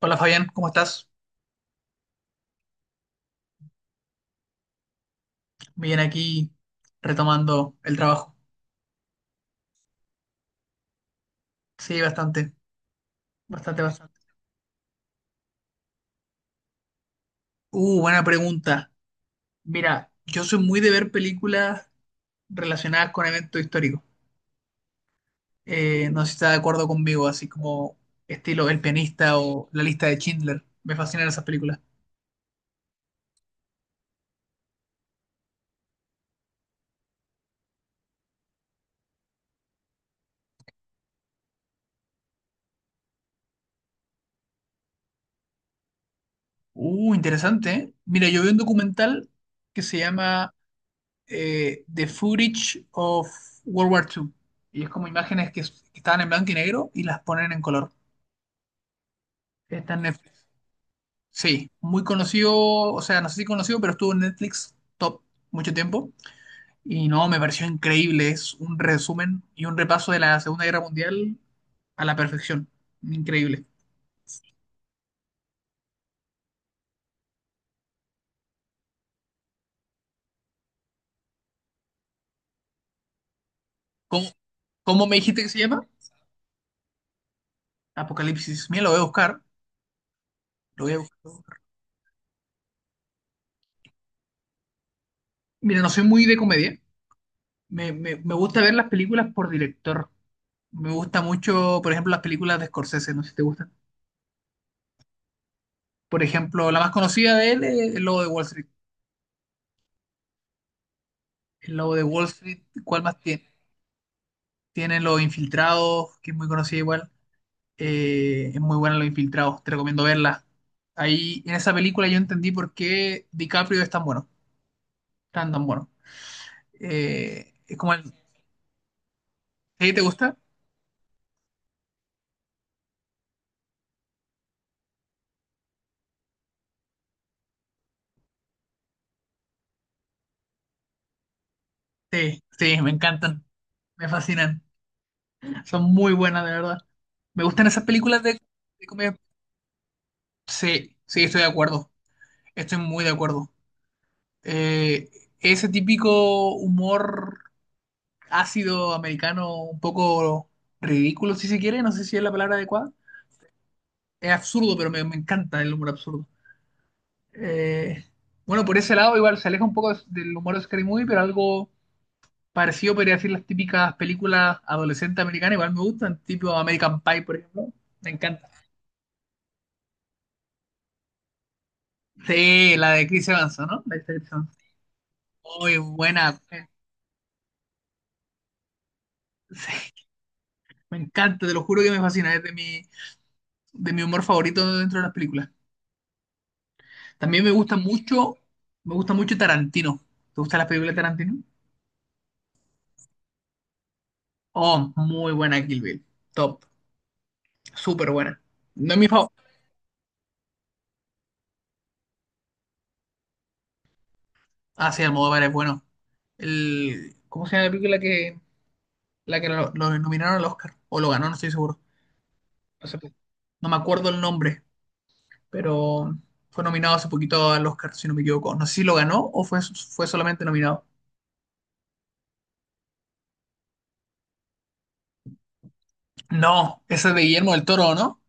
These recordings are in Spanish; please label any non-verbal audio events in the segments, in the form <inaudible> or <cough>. Hola Fabián, ¿cómo estás? Bien aquí retomando el trabajo. Sí, bastante, bastante, bastante. Buena pregunta. Mira, yo soy muy de ver películas relacionadas con eventos históricos. No sé si estás de acuerdo conmigo, así como estilo El pianista o La lista de Schindler. Me fascinan esas películas. Interesante, ¿eh? Mira, yo vi un documental que se llama The Footage of World War II. Y es como imágenes que estaban en blanco y negro y las ponen en color. Está en Netflix. Sí, muy conocido, o sea, no sé si conocido, pero estuvo en Netflix top mucho tiempo. Y no, me pareció increíble. Es un resumen y un repaso de la Segunda Guerra Mundial a la perfección. Increíble. ¿Cómo, cómo me dijiste que se llama? Apocalipsis. Mira, lo voy a buscar. Lo voy a buscar. Mira, no soy muy de comedia. Me gusta ver las películas por director. Me gusta mucho, por ejemplo, las películas de Scorsese, no sé si te gustan. Por ejemplo, la más conocida de él es El Lobo de Wall Street. El lobo de Wall Street, ¿cuál más tiene? Tiene Los Infiltrados, que es muy conocida igual. Es muy buena Los Infiltrados, te recomiendo verla. Ahí, en esa película yo entendí por qué DiCaprio es tan bueno, tan tan bueno. Es como el... ¿Sí? ¿Te gusta? Sí, sí, me encantan, me fascinan. Son muy buenas, de verdad. Me gustan esas películas de comedia. Sí, sí, estoy de acuerdo. Estoy muy de acuerdo. Eh, Ese típico humor ácido americano un poco ridículo, si se quiere, no sé si es la palabra adecuada. Es absurdo, pero me encanta el humor absurdo. Eh, bueno, por ese lado igual se aleja un poco del humor de Scary Movie, pero algo parecido podría decir las típicas películas adolescentes americanas, igual me gustan, tipo American Pie, por ejemplo. Me encanta. Sí, la de Chris Evans, ¿no? La de Chris Evans. Muy buena. Sí, me encanta, te lo juro que me fascina, es de mi humor favorito dentro de las películas. También me gusta mucho Tarantino. ¿Te gustan las películas de Tarantino? Oh, muy buena Kill Bill. Top. Súper buena. No es mi favorito. Ah, sí, Almodóvar es bueno. El, ¿cómo se llama la película que, la que lo nominaron al Oscar? O lo ganó, no estoy seguro. No sé, no me acuerdo el nombre, pero fue nominado hace poquito al Oscar, si no me equivoco. No sé si lo ganó o fue, fue solamente nominado. No, esa es de Guillermo del Toro, ¿no?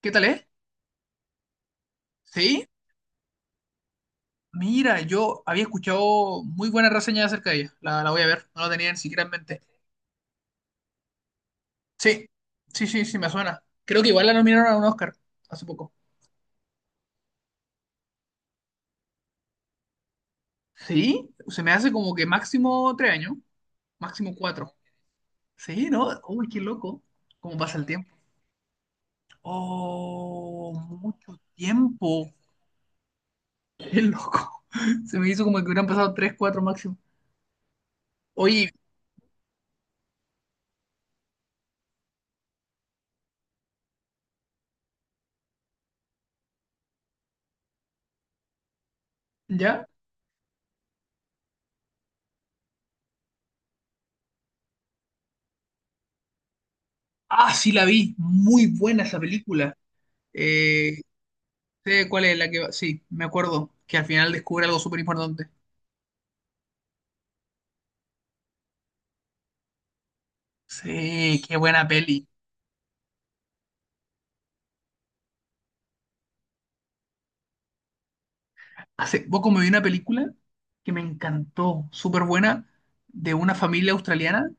¿Qué tal es? ¿Sí? Mira, yo había escuchado muy buenas reseñas acerca de ella. La voy a ver, no la tenía ni siquiera en mente. Sí, sí, sí, sí, me suena. Creo que igual la nominaron a un Oscar hace poco. Sí, se me hace como que máximo tres años, máximo cuatro. Sí, ¿no? Uy, qué loco. ¿Cómo pasa el tiempo? Oh, mucho tiempo. Qué loco. <laughs> Se me hizo como que hubieran pasado tres, cuatro máximo. Oye, ¿ya? Ah, sí, la vi. Muy buena esa película. Eh, Sé cuál es la que va. Sí, me acuerdo que al final descubre algo súper importante. Sí, qué buena peli. Hace poco me vi una película que me encantó, súper buena, de una familia australiana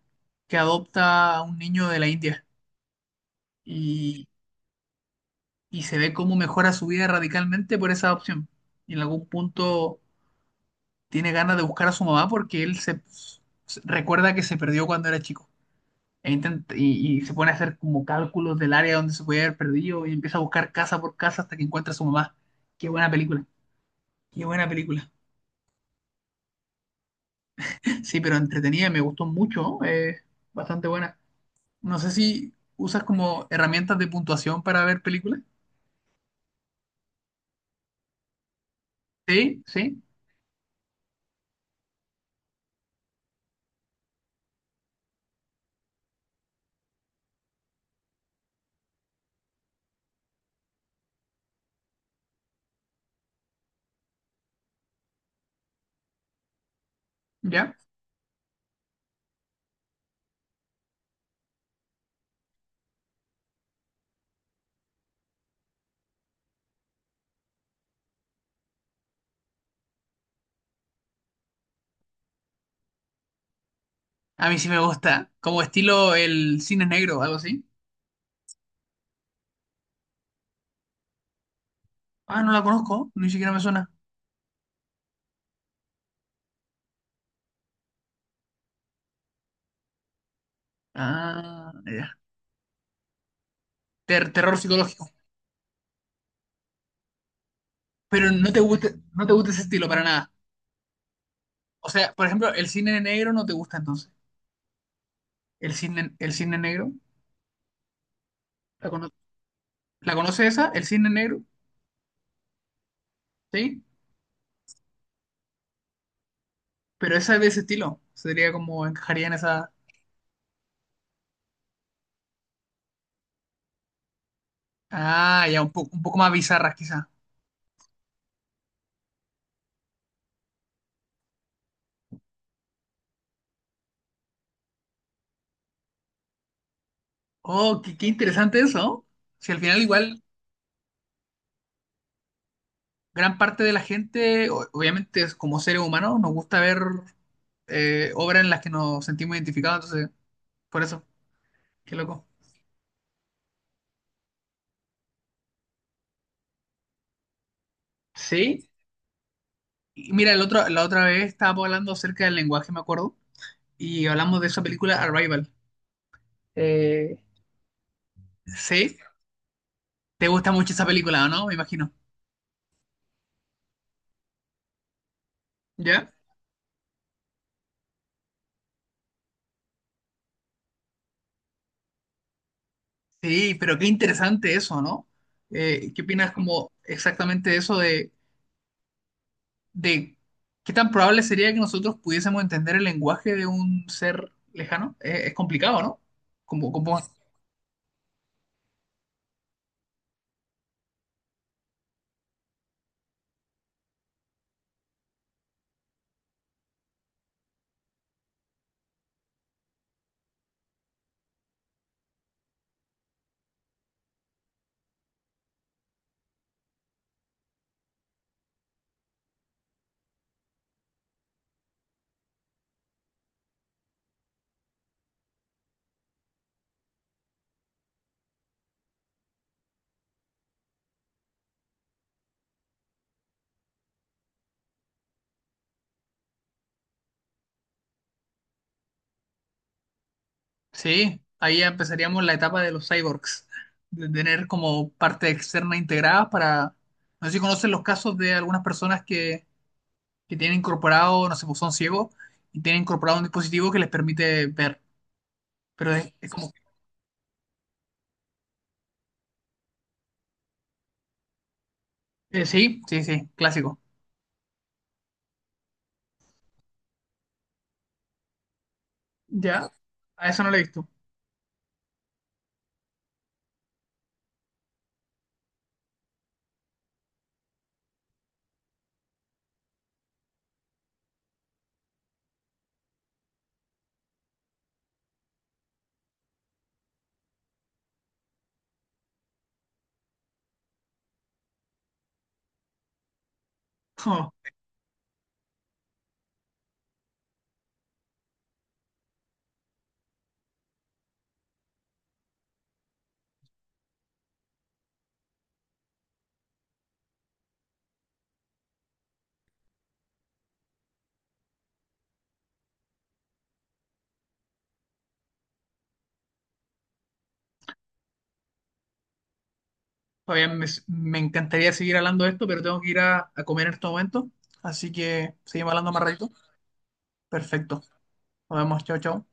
que adopta a un niño de la India y, y se ve cómo mejora su vida radicalmente por esa adopción. Y en algún punto tiene ganas de buscar a su mamá porque él recuerda que se perdió cuando era chico. Y, y se pone a hacer como cálculos del área donde se puede haber perdido y empieza a buscar casa por casa hasta que encuentra a su mamá. Qué buena película, qué buena película. Sí, pero entretenida, me gustó mucho, bastante buena. No sé si usas como herramientas de puntuación para ver películas. Sí, sí, ya. A mí sí me gusta, como estilo el cine negro, algo así. Ah, no la conozco, ni siquiera me suena. Ah, ya. Terror psicológico. Pero no te gusta, no te gusta ese estilo para nada. O sea, por ejemplo, el cine negro no te gusta entonces. El cine negro, ¿la cono- ¿la conoces esa? El cine negro, ¿sí? Pero esa es de ese estilo. Sería como encajaría en esa. Ah, ya, un poco más bizarras quizá. Oh, qué, qué interesante eso. ¿No? Si al final igual gran parte de la gente, obviamente es como seres humanos, nos gusta ver obras en las que nos sentimos identificados, entonces, por eso, qué loco. Sí. Y mira, el otro, la otra vez estábamos hablando acerca del lenguaje, me acuerdo. Y hablamos de esa película Arrival. Eh, ¿Sí? ¿Te gusta mucho esa película, o no? Me imagino. ¿Ya? Sí, pero qué interesante eso, ¿no? ¿Qué opinas como exactamente eso de qué tan probable sería que nosotros pudiésemos entender el lenguaje de un ser lejano? Es complicado, ¿no? Como, como, sí, ahí ya empezaríamos la etapa de los cyborgs, de tener como parte externa integrada para... No sé si conocen los casos de algunas personas que tienen incorporado, no sé, pues son ciegos y tienen incorporado un dispositivo que les permite ver. Pero es como, sí, sí, sí, clásico. Ya, a eso no lo he visto. <laughs> Oh, todavía me encantaría seguir hablando de esto, pero tengo que ir a comer en este momento. Así que seguimos hablando más ratito. Perfecto. Nos vemos, chao, chao.